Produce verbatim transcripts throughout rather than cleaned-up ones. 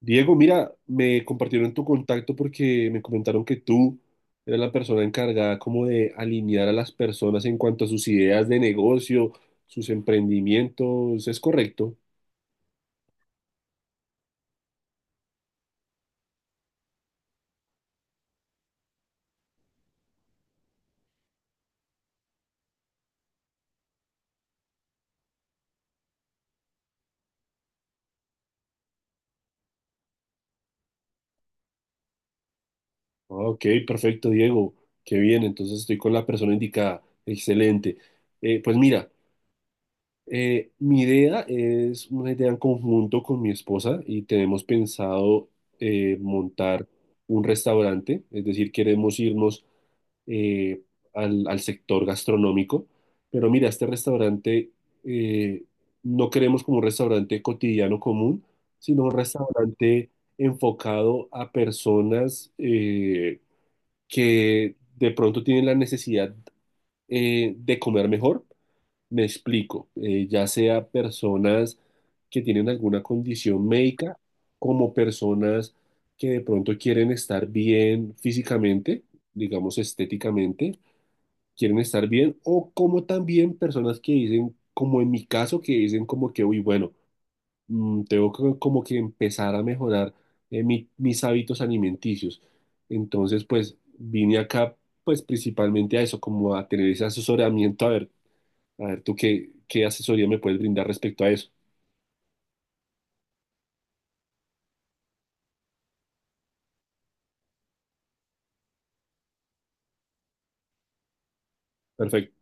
Diego, mira, me compartieron tu contacto porque me comentaron que tú eres la persona encargada como de alinear a las personas en cuanto a sus ideas de negocio, sus emprendimientos. ¿Es correcto? Ah, Ok, perfecto, Diego. Qué bien, entonces estoy con la persona indicada. Excelente. Eh, pues mira, eh, mi idea es una idea en conjunto con mi esposa y tenemos pensado eh, montar un restaurante, es decir, queremos irnos eh, al, al sector gastronómico. Pero mira, este restaurante, eh, no queremos como un restaurante cotidiano común, sino un restaurante enfocado a personas eh, que de pronto tienen la necesidad eh, de comer mejor. Me explico, eh, ya sea personas que tienen alguna condición médica, como personas que de pronto quieren estar bien físicamente, digamos estéticamente, quieren estar bien, o como también personas que dicen, como en mi caso, que dicen como que, uy, bueno, mm, tengo que, como que empezar a mejorar eh, mi- mis hábitos alimenticios. Entonces, pues vine acá, pues principalmente a eso, como a tener ese asesoramiento, a ver, a ver tú qué, qué asesoría me puedes brindar respecto a eso. Perfecto.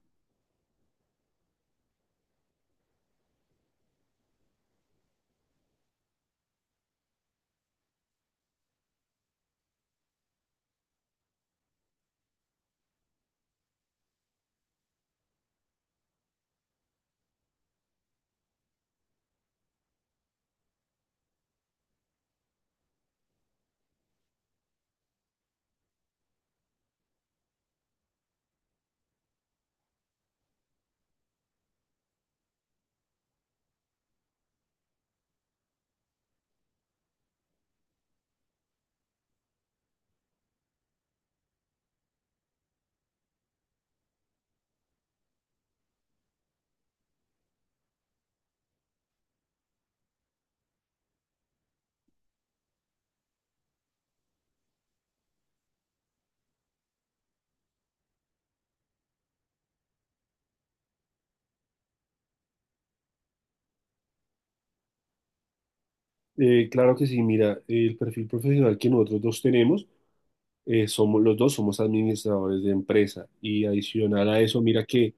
Eh, claro que sí, mira, el perfil profesional que nosotros dos tenemos. Eh, somos los dos somos administradores de empresa y adicional a eso, mira que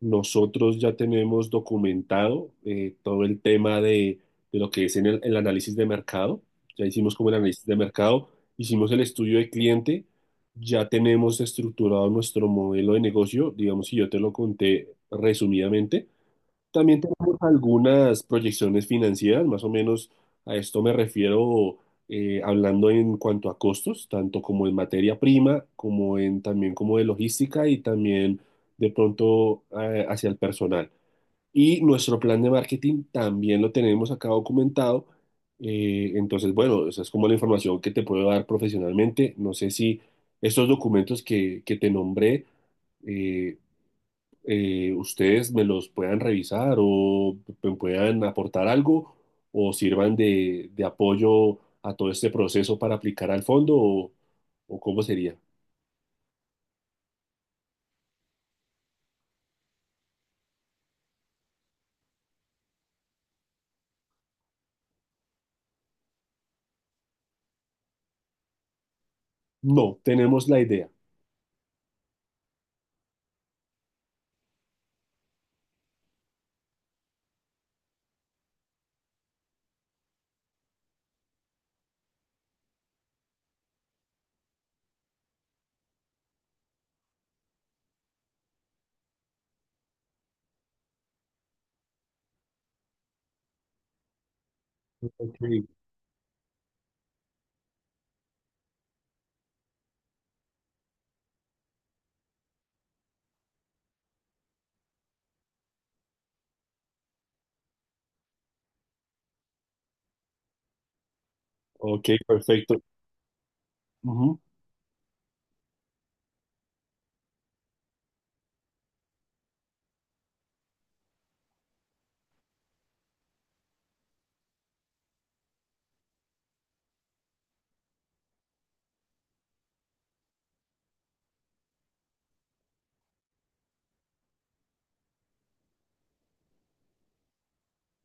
nosotros ya tenemos documentado eh, todo el tema de, de lo que es en el, el análisis de mercado, ya hicimos como el análisis de mercado, hicimos el estudio de cliente, ya tenemos estructurado nuestro modelo de negocio, digamos, si yo te lo conté resumidamente, también tenemos algunas proyecciones financieras, más o menos a esto me refiero, eh, hablando en cuanto a costos, tanto como en materia prima, como en también como de logística y también de pronto eh, hacia el personal. Y nuestro plan de marketing también lo tenemos acá documentado. Eh, entonces, bueno, esa es como la información que te puedo dar profesionalmente. No sé si estos documentos que, que te nombré, eh, eh, ustedes me los puedan revisar o me puedan aportar algo o sirvan de, de apoyo a todo este proceso para aplicar al fondo o, o cómo sería. No, tenemos la idea. Ok, ok, perfecto. Ujú.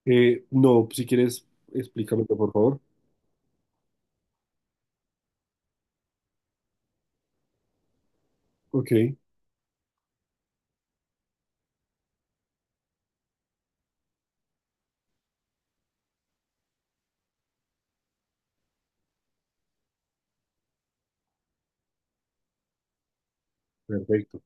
Eh, no, si quieres, explícame por favor. Ok, perfecto.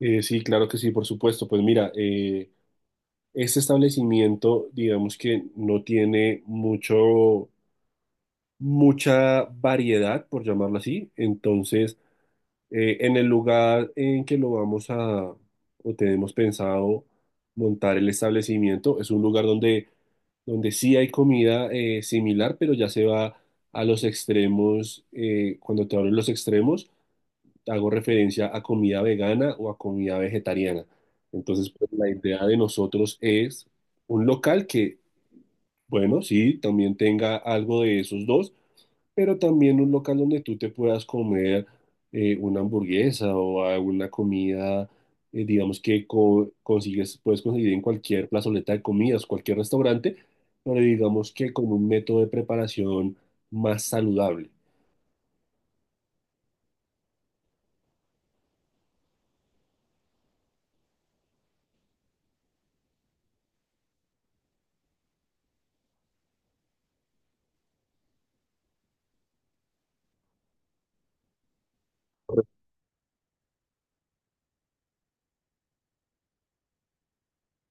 Eh, sí, claro que sí, por supuesto. Pues mira, eh, este establecimiento, digamos que no tiene mucho mucha variedad, por llamarlo así. Entonces, eh, en el lugar en que lo vamos a, o tenemos pensado montar el establecimiento, es un lugar donde, donde sí hay comida eh, similar, pero ya se va a los extremos. Eh, cuando te hablo de los extremos, hago referencia a comida vegana o a comida vegetariana. Entonces, pues, la idea de nosotros es un local que, bueno, sí, también tenga algo de esos dos, pero también un local donde tú te puedas comer eh, una hamburguesa o alguna comida, eh, digamos que co- consigues, puedes conseguir en cualquier plazoleta de comidas, cualquier restaurante, pero digamos que con un método de preparación más saludable.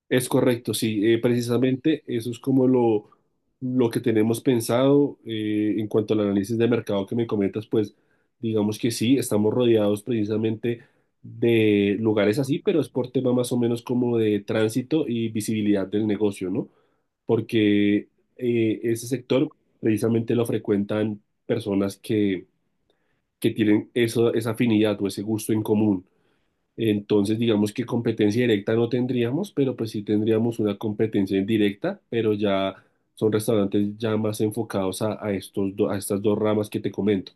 Es correcto, sí. Eh, precisamente eso es como lo, lo que tenemos pensado, eh, en cuanto al análisis de mercado que me comentas, pues digamos que sí, estamos rodeados precisamente de lugares así, pero es por tema más o menos como de tránsito y visibilidad del negocio, ¿no? Porque eh, ese sector precisamente lo frecuentan personas que, que tienen eso, esa afinidad o ese gusto en común. Entonces, digamos que competencia directa no tendríamos, pero pues sí tendríamos una competencia indirecta, pero ya son restaurantes ya más enfocados a, a estos do- a estas dos ramas que te comento.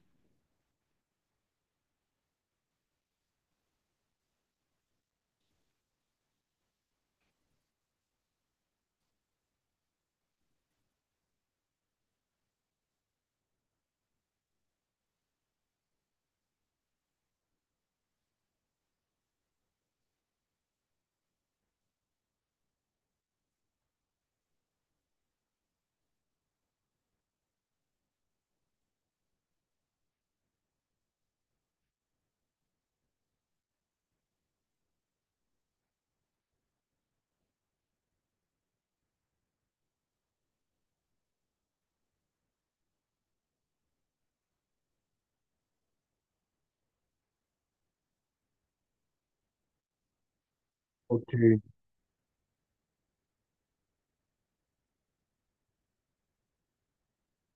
Ok,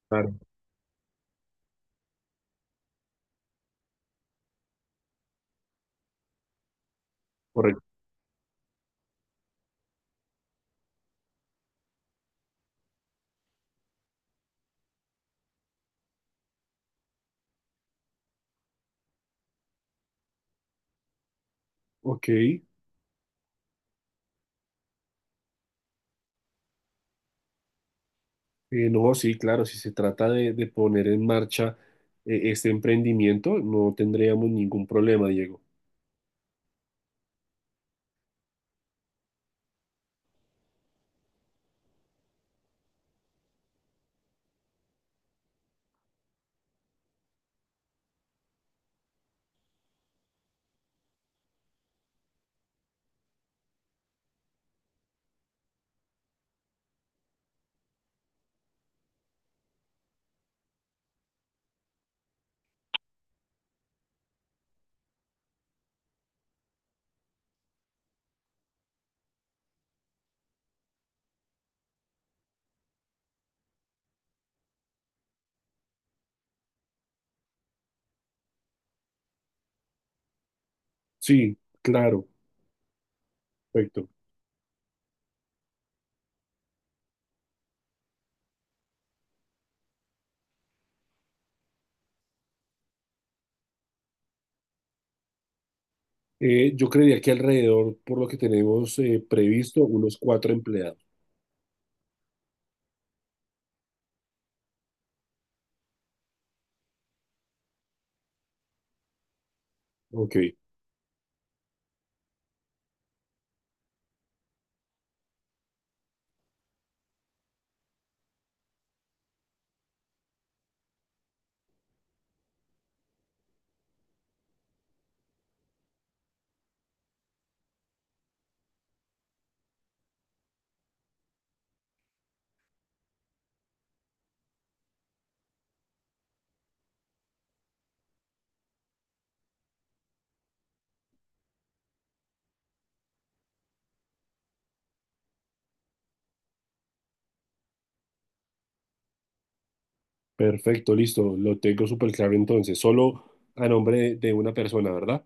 claro, correcto. Ok, eh, no, sí, claro, si se trata de, de poner en marcha eh, este emprendimiento, no tendríamos ningún problema, Diego. Sí, claro, perfecto. Eh, yo creería que alrededor, por lo que tenemos eh, previsto, unos cuatro empleados. Ok. Perfecto, listo. Lo tengo súper claro entonces. Solo a nombre de una persona, ¿verdad?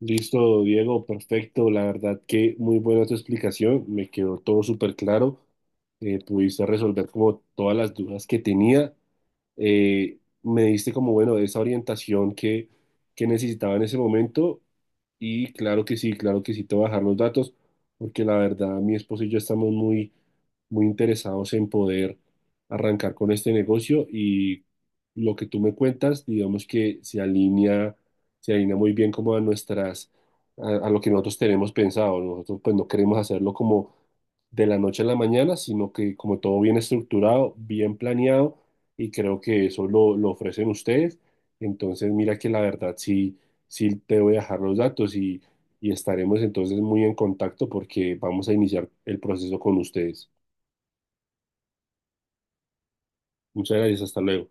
Listo, Diego, perfecto. La verdad que muy buena tu explicación. Me quedó todo súper claro. Eh, pudiste resolver como todas las dudas que tenía. Eh, me diste como, bueno, esa orientación que, que necesitaba en ese momento y claro que sí, claro que sí, te voy a dejar los datos porque la verdad mi esposo y yo estamos muy, muy interesados en poder arrancar con este negocio y lo que tú me cuentas, digamos que se alinea, se alinea muy bien como a nuestras, a, a lo que nosotros tenemos pensado. Nosotros pues no queremos hacerlo como de la noche a la mañana, sino que como todo bien estructurado, bien planeado y creo que eso lo, lo ofrecen ustedes. Entonces, mira que la verdad sí, sí te voy a dejar los datos y, y estaremos entonces muy en contacto porque vamos a iniciar el proceso con ustedes. Muchas gracias, hasta luego.